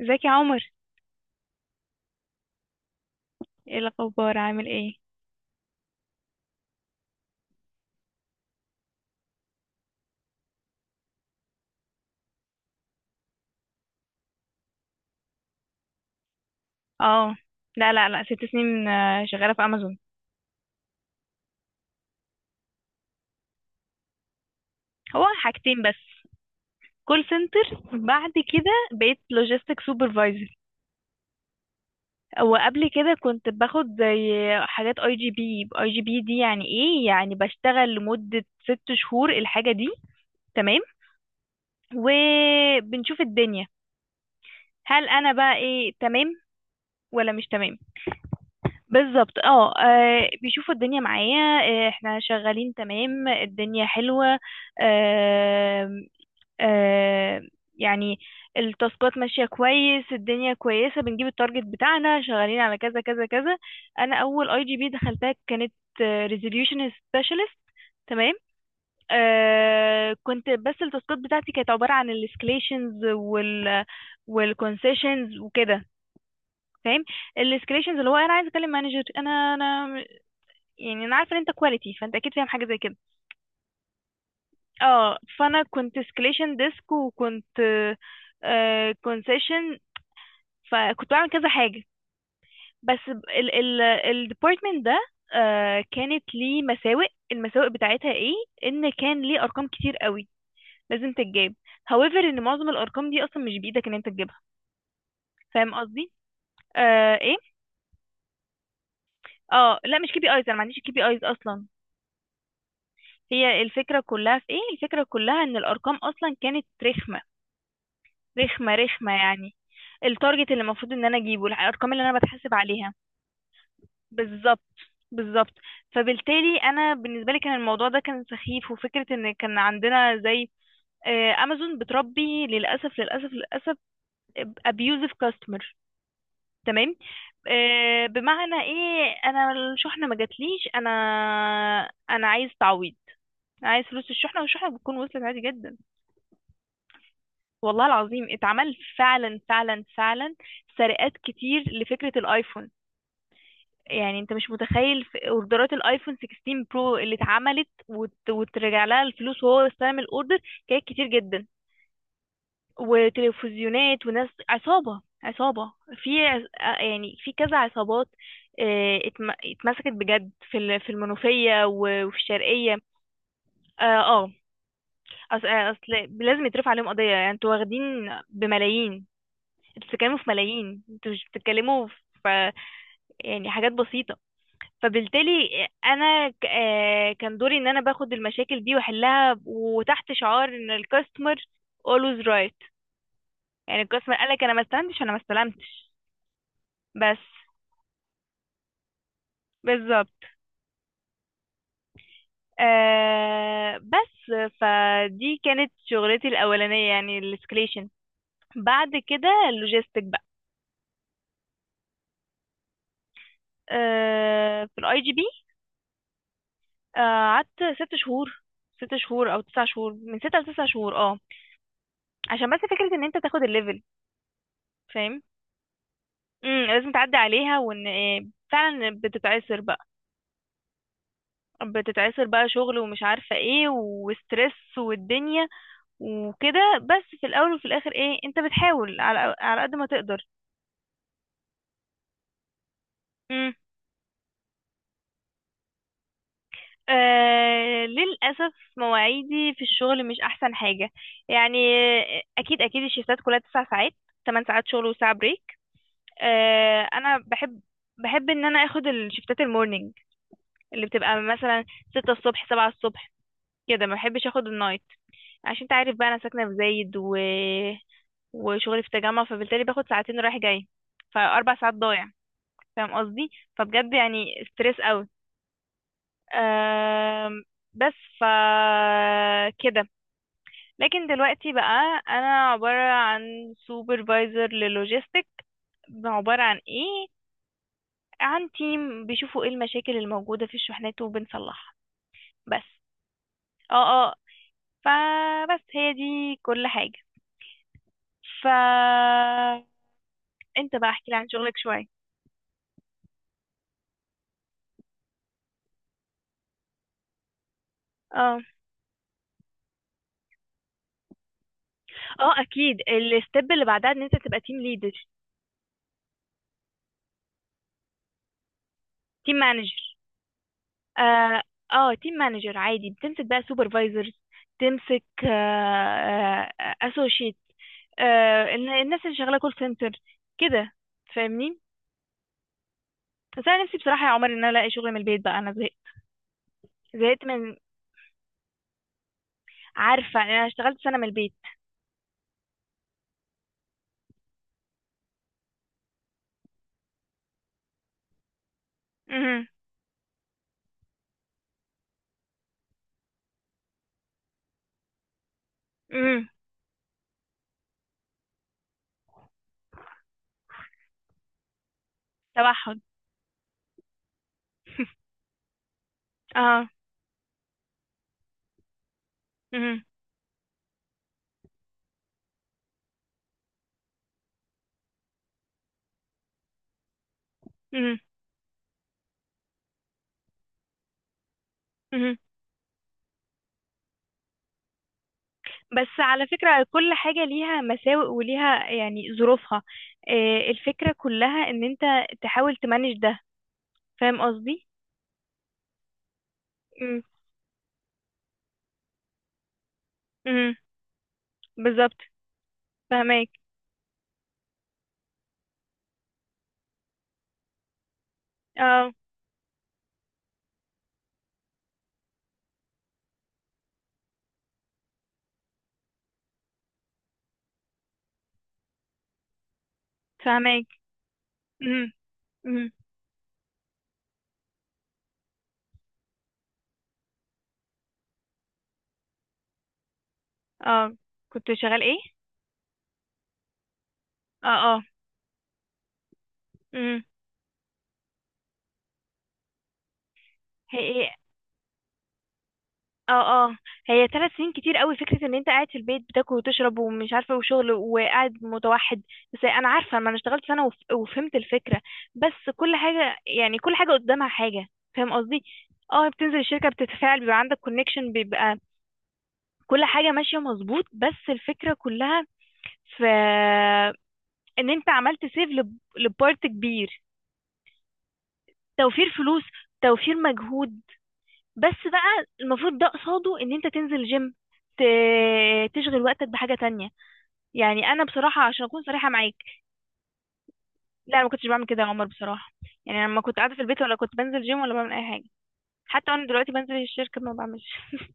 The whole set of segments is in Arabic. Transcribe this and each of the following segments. ازيك يا عمر؟ ايه الاخبار؟ عامل ايه؟ اه، لا لا لا، ست سنين شغاله في امازون. هو حاجتين بس: كول سنتر، بعد كده بقيت لوجيستيك سوبرفايزر. وقبل كده كنت باخد زي حاجات اي جي بي. اي جي بي دي يعني ايه؟ يعني بشتغل لمده ست شهور الحاجه دي، تمام، وبنشوف الدنيا هل انا بقى ايه، تمام ولا مش تمام. بالظبط، اه، بيشوفوا الدنيا معايا. احنا شغالين تمام، الدنيا حلوة، آه، آه، يعني التاسكات ماشية كويس، الدنيا كويسة، بنجيب التارجت بتاعنا، شغالين على كذا كذا كذا. انا اول اي جي بي دخلتها كانت ريزوليوشن سبيشالست، تمام. كنت بس التاسكات بتاعتي كانت عبارة عن الاسكليشنز وال والكونسيشنز وكده، فاهم؟ الاسكليشنز اللي هو انا عايز اكلم مانجر، انا يعني انا عارفه ان انت كواليتي فانت اكيد فاهم حاجه زي كده. اه، فانا كنت سكليشن ديسك وكنت كونسيشن، فكنت بعمل كذا حاجه. بس ال ال الديبارتمنت ده كانت ليه مساوئ. المساوئ بتاعتها ايه؟ ان كان ليه ارقام كتير قوي لازم تتجاب، however ان معظم الارقام دي اصلا مش بايدك ان انت تجيبها، فاهم قصدي؟ ايه. اه لا، مش كي بي ايز، انا ما عنديش كي بي ايز اصلا. هي الفكره كلها في ايه؟ الفكره كلها ان الارقام اصلا كانت رخمه، رخمة رخمة يعني. التارجت اللي المفروض ان انا اجيبه، الارقام اللي انا بتحاسب عليها. بالظبط بالظبط. فبالتالي انا بالنسبه لي كان الموضوع ده كان سخيف، وفكره ان كان عندنا زي امازون بتربي، للاسف للاسف للاسف، ابيوزيف كاستمر، تمام. بمعنى ايه؟ انا الشحنه ما جاتليش، انا انا عايز تعويض، عايز فلوس الشحنه، والشحنه بتكون وصلت عادي جدا. والله العظيم اتعمل، فعلا فعلا فعلا. سرقات كتير لفكرة الايفون، يعني انت مش متخيل في اوردرات الايفون 16 برو اللي اتعملت وترجع لها الفلوس وهو استلم الاوردر، كانت كتير جدا. وتلفزيونات، وناس عصابة عصابة، في يعني في كذا عصابات، اتمسكت بجد في في المنوفية وفي الشرقية. اه اصل اصل لازم يترفع عليهم قضية، يعني انتوا واخدين بملايين، انتوا بتتكلموا في ملايين، انتوا مش بتتكلموا في يعني حاجات بسيطة. فبالتالي انا كان دوري ان انا باخد المشاكل دي واحلها، وتحت شعار ان الكاستمر always right. يعني الكاستمر قالك انا ما استلمتش، انا ما استلمتش، بس. بالظبط. بس. فدي كانت شغلتي الاولانية يعني الاسكليشن. بعد كده اللوجيستيك بقى. في الاي جي بي قعدت ست شهور، ست شهور او تسع شهور، من ستة لتسع شهور، اه. عشان بس فكرة ان انت تاخد الليفل، فاهم؟ لازم تعدي عليها، وان إيه، فعلا بتتعسر بقى، بتتعسر بقى شغل، ومش عارفة ايه، وستريس، والدنيا، وكده. بس في الاول وفي الاخر ايه، انت بتحاول على قد ما تقدر. امم آه، للأسف مواعيدي في الشغل مش أحسن حاجة يعني. أكيد أكيد الشيفتات كلها تسع ساعات: تمن ساعات شغل وساعة بريك. أنا بحب، بحب إن أنا أخد الشيفتات المورنينج، اللي بتبقى مثلا ستة الصبح، سبعة الصبح كده. ما بحبش اخد النايت، عشان انت عارف بقى انا ساكنة في زايد وشغلي في التجمع، فبالتالي باخد ساعتين رايح جاي، فاربع ساعات ضايع، فاهم قصدي؟ فبجد يعني ستريس قوي. أم... بس ف كده لكن دلوقتي بقى انا عبارة عن سوبرفايزر للوجيستيك. عبارة عن ايه؟ عن تيم، بيشوفوا ايه المشاكل الموجودة في الشحنات وبنصلحها بس. اه اه، فبس هي دي كل حاجة. ف انت بقى احكي لي عن شغلك شوية. اه اه، اكيد الستيب اللي بعدها ان انت تبقى تيم ليدر، تيم مانجر. اه، اه تيم مانجر عادي بتمسك بقى سوبرفايزرز، تمسك اسوشيت، الناس اللي شغاله كول سنتر كده، فاهمني؟ بس انا نفسي بصراحه يا عمر ان انا الاقي شغل من البيت بقى، انا زهقت، زهقت من، عارفه انا اشتغلت سنه من البيت. امم امم توحد، اه. مهم. مهم. بس على فكرة كل حاجة ليها مساوئ وليها يعني ظروفها، الفكرة كلها ان انت تحاول تمانج ده، فاهم قصدي؟ مم. مم. بالظبط. فهماك، اه. فهماك. مم. مم. اه، كنت شغال ايه؟ اه، اه. مم. هي إيه؟ اه اه، هي ثلاث سنين كتير قوي فكرة ان انت قاعد في البيت بتاكل وتشرب ومش عارفة وشغل، وقاعد متوحد. بس انا عارفة، ما انا اشتغلت سنة وفهمت الفكرة. بس كل حاجة يعني، كل حاجة قدامها حاجة، فاهم قصدي؟ اه، بتنزل الشركة، بتتفاعل، بيبقى عندك كونكشن، بيبقى كل حاجة ماشية مظبوط، بس الفكرة كلها في ان انت عملت سيف لبارت كبير. توفير فلوس، توفير مجهود، بس بقى المفروض ده قصاده ان انت تنزل جيم، تشغل وقتك بحاجة تانية. يعني انا بصراحة، عشان اكون صريحة معاك، لا أنا ما كنتش بعمل كده يا عمر، بصراحة يعني. لما كنت قاعدة في البيت ولا كنت بنزل جيم، ولا بعمل اي حاجة. حتى انا دلوقتي بنزل الشركة ما بعملش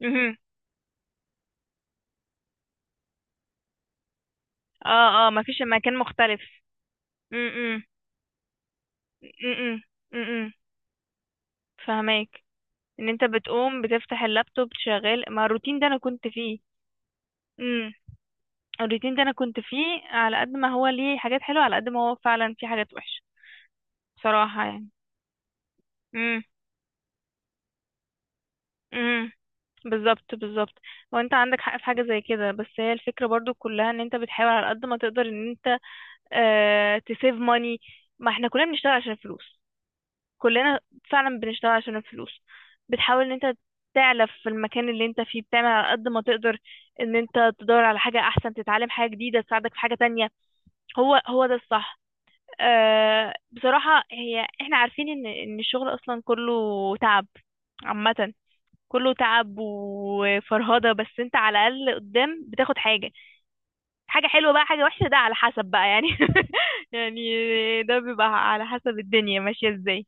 مهم. اه اه، ما فيش مكان مختلف. امم امم امم فهماك، ان انت بتقوم بتفتح اللابتوب شغال. ما الروتين ده انا كنت فيه. امم الروتين ده انا كنت فيه، على قد ما هو ليه حاجات حلوة، على قد ما هو فعلا فيه حاجات وحشة، بصراحة يعني. امم امم بالظبط بالظبط. هو انت عندك حق في حاجة زي كده، بس هي الفكرة برضو كلها ان انت بتحاول على قد ما تقدر ان انت اه تسيف ماني. ما احنا كلنا بنشتغل عشان الفلوس، كلنا فعلا بنشتغل عشان الفلوس. بتحاول ان انت تعلف في المكان اللي انت فيه، بتعمل على قد ما تقدر، ان انت تدور على حاجة احسن، تتعلم حاجة جديدة تساعدك في حاجة تانية. هو هو ده الصح. اه بصراحة، هي احنا عارفين ان ان الشغل اصلا كله تعب عامة، كله تعب وفرهدة، بس انت على الأقل قدام بتاخد حاجة. حاجة حلوة بقى حاجة وحشة، ده على حسب بقى يعني يعني ده بيبقى على حسب الدنيا ماشية ازاي.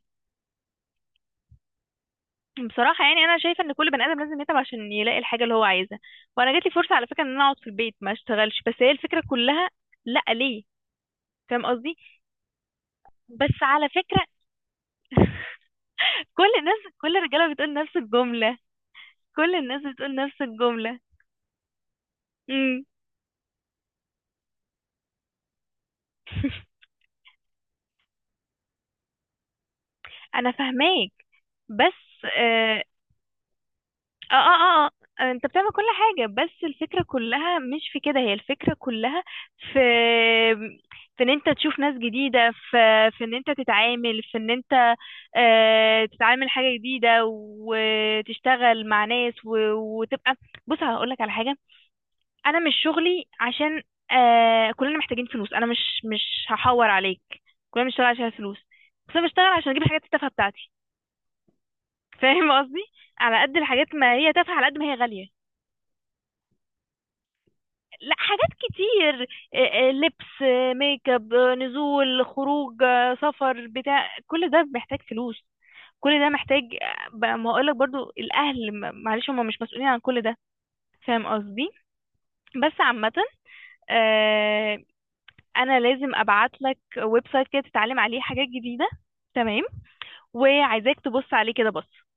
بصراحة يعني أنا شايفة إن كل بني آدم لازم يتعب عشان يلاقي الحاجة اللي هو عايزها. وأنا جاتلي فرصة على فكرة إن أنا أقعد في البيت ما أشتغلش، بس هي الفكرة كلها، لأ ليه، فاهم قصدي؟ بس على فكرة كل الناس، كل الرجالة بتقول نفس الجملة، كل الناس بتقول نفس الجملة. امم أنا فاهماك، بس آه، اه اه اه. انت بتعمل كل حاجة، بس الفكرة كلها مش في كده، هي الفكرة كلها في، في ان انت تشوف ناس جديدة، في في ان انت تتعامل، في ان انت تتعامل حاجة جديدة، وتشتغل مع ناس وتبقى. بص هقولك على حاجة، انا مش شغلي عشان كلنا محتاجين فلوس، انا مش هحور عليك. كلنا بنشتغل عشان الفلوس، بس انا بشتغل عشان اجيب الحاجات التافهة بتاعتي، فاهم قصدي؟ على قد الحاجات ما هي تافهة، على قد ما هي غالية. لا حاجات كتير، لبس، ميك اب، نزول خروج، سفر، بتاع كل ده محتاج فلوس، كل ده محتاج. ما هقولك برضو، الاهل معلش هم مش مسؤولين عن كل ده، فاهم قصدي؟ بس عامة، آه، انا لازم ابعت لك ويب سايت كده تتعلم عليه حاجات جديدة، تمام، وعايزاك تبص عليه كده، بص.